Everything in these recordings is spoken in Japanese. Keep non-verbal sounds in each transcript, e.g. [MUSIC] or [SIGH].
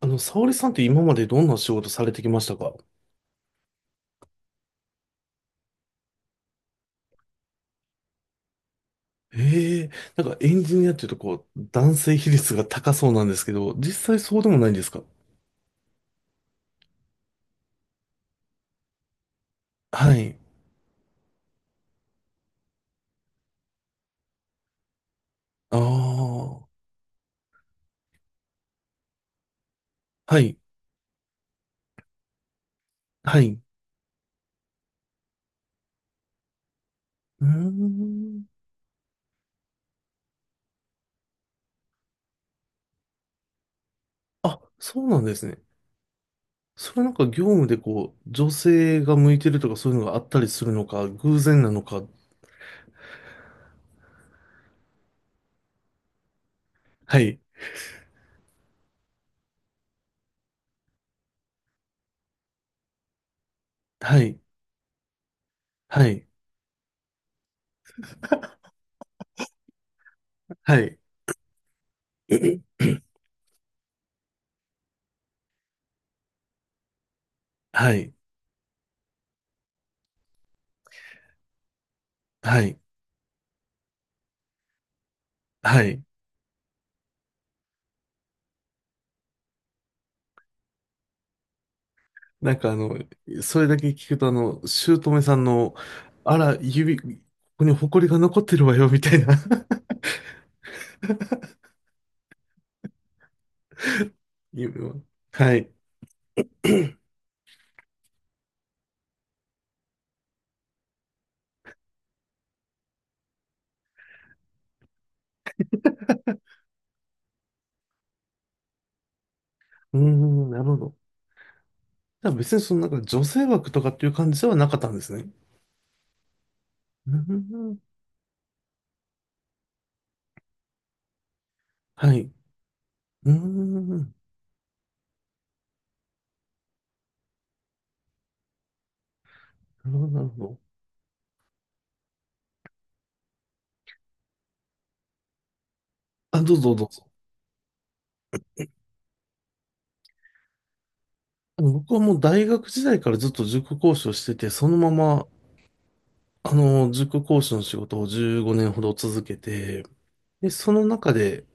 沙織さんって今までどんな仕事されてきましたか？ええ。なんかエンジニアっていうとこう、男性比率が高そうなんですけど、実際そうでもないんですか？はい。ああ、はい、はい。うーん。あ、そうなんですね。それなんか業務でこう、女性が向いてるとかそういうのがあったりするのか、偶然なのか。はい、はい、はい、はい、[CLEARS THROAT] はい、はい、はい。なんかそれだけ聞くと姑さんの、あら、指、ここに埃が残ってるわよ、みたいな。 [LAUGHS] 指は。はい。うーん、なるほど。じゃあ別にそのなんか女性枠とかっていう感じではなかったんですね。うーん、はい。うーん、なるほど、なるほど。あ、どうぞどうぞ。僕はもう大学時代からずっと塾講師をしてて、そのまま、塾講師の仕事を15年ほど続けて、で、その中で、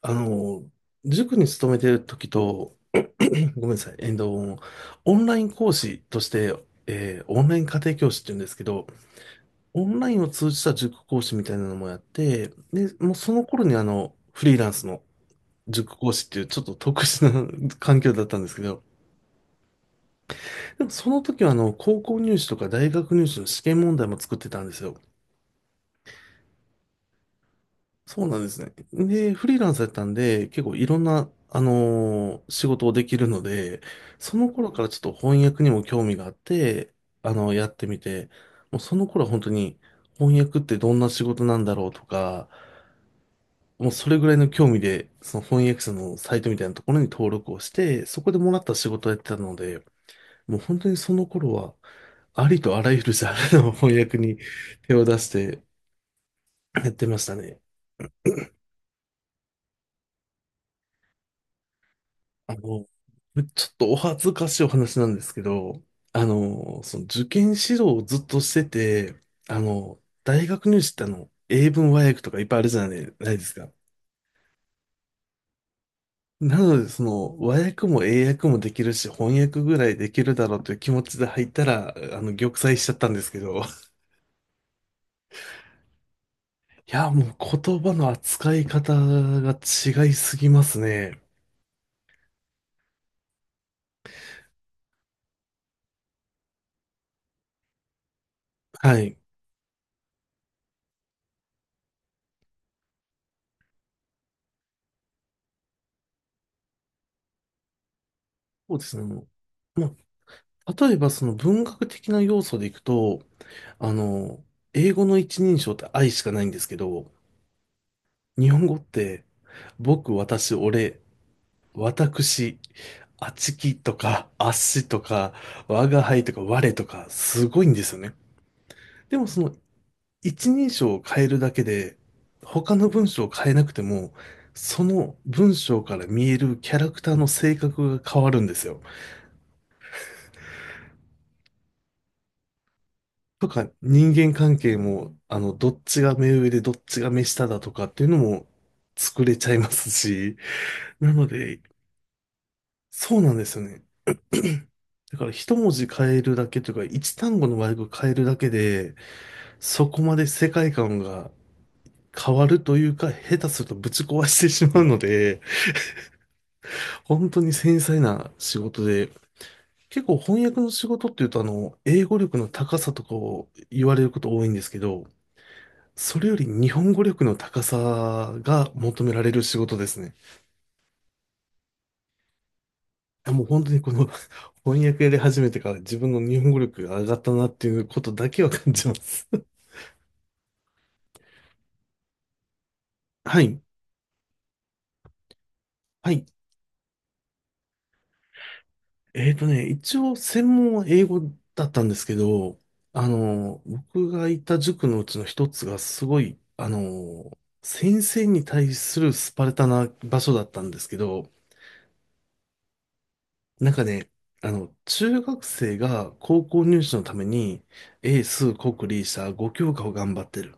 あの、塾に勤めてる時と、ごめんなさい、オンライン講師として、オンライン家庭教師って言うんですけど、オンラインを通じた塾講師みたいなのもやって、で、もうその頃にフリーランスの塾講師っていうちょっと特殊な [LAUGHS] 環境だったんですけど、でもその時は高校入試とか大学入試の試験問題も作ってたんですよ。そうなんですね。で、フリーランスだったんで、結構いろんな、仕事をできるので、その頃からちょっと翻訳にも興味があって、やってみて、もうその頃は本当に翻訳ってどんな仕事なんだろうとか、もうそれぐらいの興味で、その翻訳者のサイトみたいなところに登録をして、そこでもらった仕事をやってたので、もう本当にその頃は、ありとあらゆるジャンルの翻訳に手を出してやってましたね。あの、ちょっとお恥ずかしいお話なんですけど、その受験指導をずっとしてて、あの、大学入試って英文和訳とかいっぱいあるじゃないないですか。なので、その、和訳も英訳もできるし、翻訳ぐらいできるだろうという気持ちで入ったら、玉砕しちゃったんですけど。[LAUGHS] いや、もう言葉の扱い方が違いすぎますね。はい。そうですね。もうまあ、例えば、その文学的な要素でいくと、あの、英語の一人称って愛しかないんですけど、日本語って、僕、私、俺、私、あちきとか、あっしとか、我が輩とか、我とか、すごいんですよね。でもその一人称を変えるだけで、他の文章を変えなくても、その文章から見えるキャラクターの性格が変わるんですよ。とか、人間関係も、どっちが目上でどっちが目下だとかっていうのも作れちゃいますし、なので、そうなんですよね。だから一文字変えるだけというか、一単語の和訳変えるだけで、そこまで世界観が変わるというか、下手するとぶち壊してしまうので、本当に繊細な仕事で、結構翻訳の仕事っていうと、英語力の高さとかを言われること多いんですけど、それより日本語力の高さが求められる仕事ですね。やもう本当にこの [LAUGHS] 翻訳やり始めてから自分の日本語力が上がったなっていうことだけは感じます。[LAUGHS] はい。はい。一応専門は英語だったんですけど、僕がいた塾のうちの一つがすごい、先生に対するスパルタな場所だったんですけど、なんかね、中学生が高校入試のために、英数国理社5教科を頑張ってる。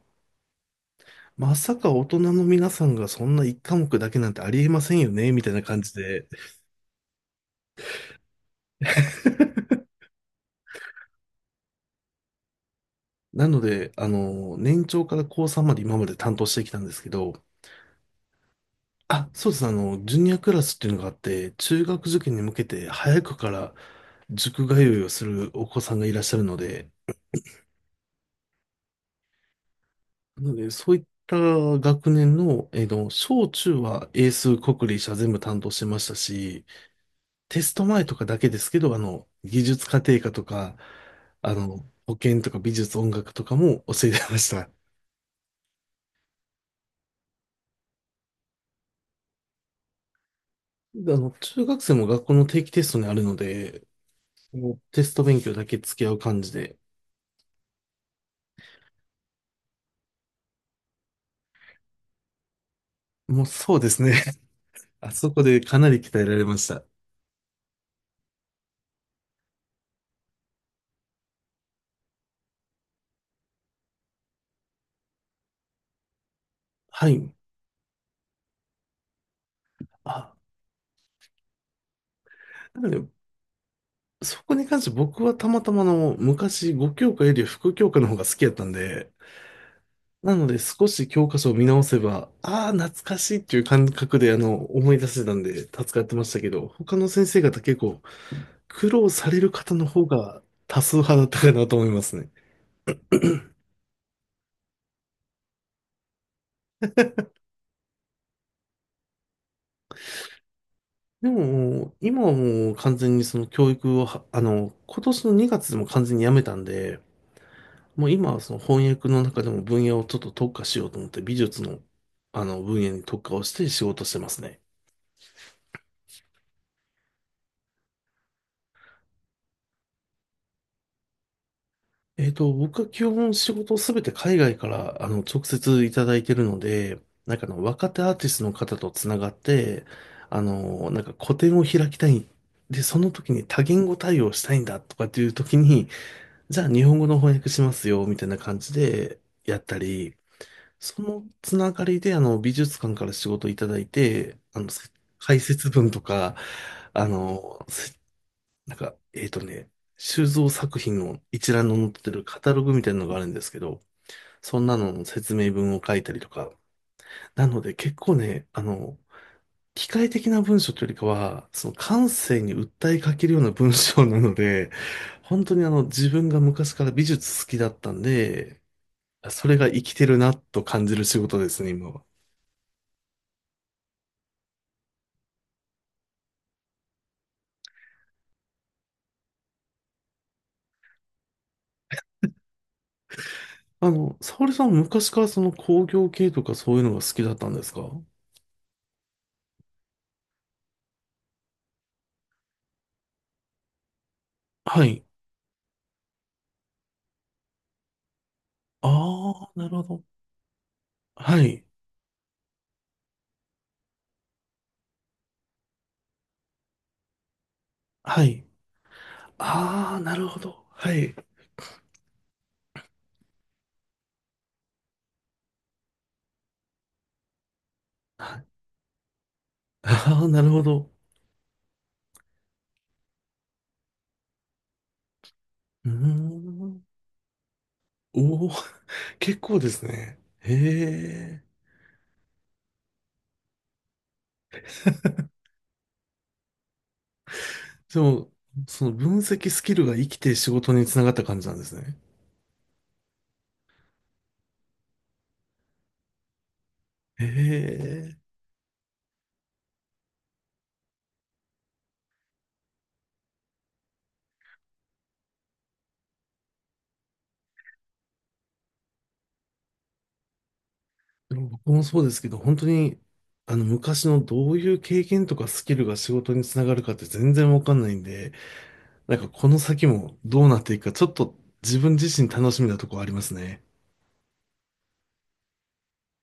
まさか大人の皆さんがそんな一科目だけなんてありえませんよね、みたいな感じで。[LAUGHS] なので、年長から高3まで今まで担当してきたんですけど、あ、そうです。ジュニアクラスっていうのがあって、中学受験に向けて早くから塾通いをするお子さんがいらっしゃるので、なので、そういった学年の、小中は英数、国理社全部担当してましたし、テスト前とかだけですけど、技術家庭科とか、保健とか美術音楽とかも教えてました。で中学生も学校の定期テストにあるので、もうテスト勉強だけ付き合う感じで、もうそうですね。[LAUGHS] あそこでかなり鍛えられました。はい。あ、なので、そこに関して僕はたまたま昔5教科より副教科の方が好きやったんで、なので少し教科書を見直せば、ああ、懐かしいっていう感覚で思い出せたんで助かってましたけど、他の先生方結構苦労される方の方が多数派だったかなと思いますね。でも、今はもう完全にその教育をは、今年の2月でも完全にやめたんで、もう今はその翻訳の中でも分野をちょっと特化しようと思って美術のあの分野に特化をして仕事してますね。僕は基本仕事をすべて海外から直接いただいてるので、なんか若手アーティストの方とつながって、なんか個展を開きたい。で、その時に多言語対応したいんだとかっていう時に、じゃあ日本語の翻訳しますよ、みたいな感じでやったり、そのつながりで美術館から仕事いただいて、解説文とか、あの、設なんか、収蔵作品の一覧の載ってるカタログみたいなのがあるんですけど、そんなのの説明文を書いたりとか。なので結構ね、機械的な文章というよりかは、その感性に訴えかけるような文章なので、本当に自分が昔から美術好きだったんで、それが生きてるなと感じる仕事ですね、今は。沙織さん昔からその工業系とかそういうのが好きだったんですか？はい。ああ、なるほど。はい。はい。ああ、なるほど。はい。ああー、なるほど。うーん。おお、結構ですね。へえ。でも、その分析スキルが生きて仕事につながった感じなんですね。へえ。でも僕もそうですけど、本当に、昔のどういう経験とかスキルが仕事につながるかって全然わかんないんで、なんかこの先もどうなっていくか、ちょっと自分自身楽しみなとこありますね。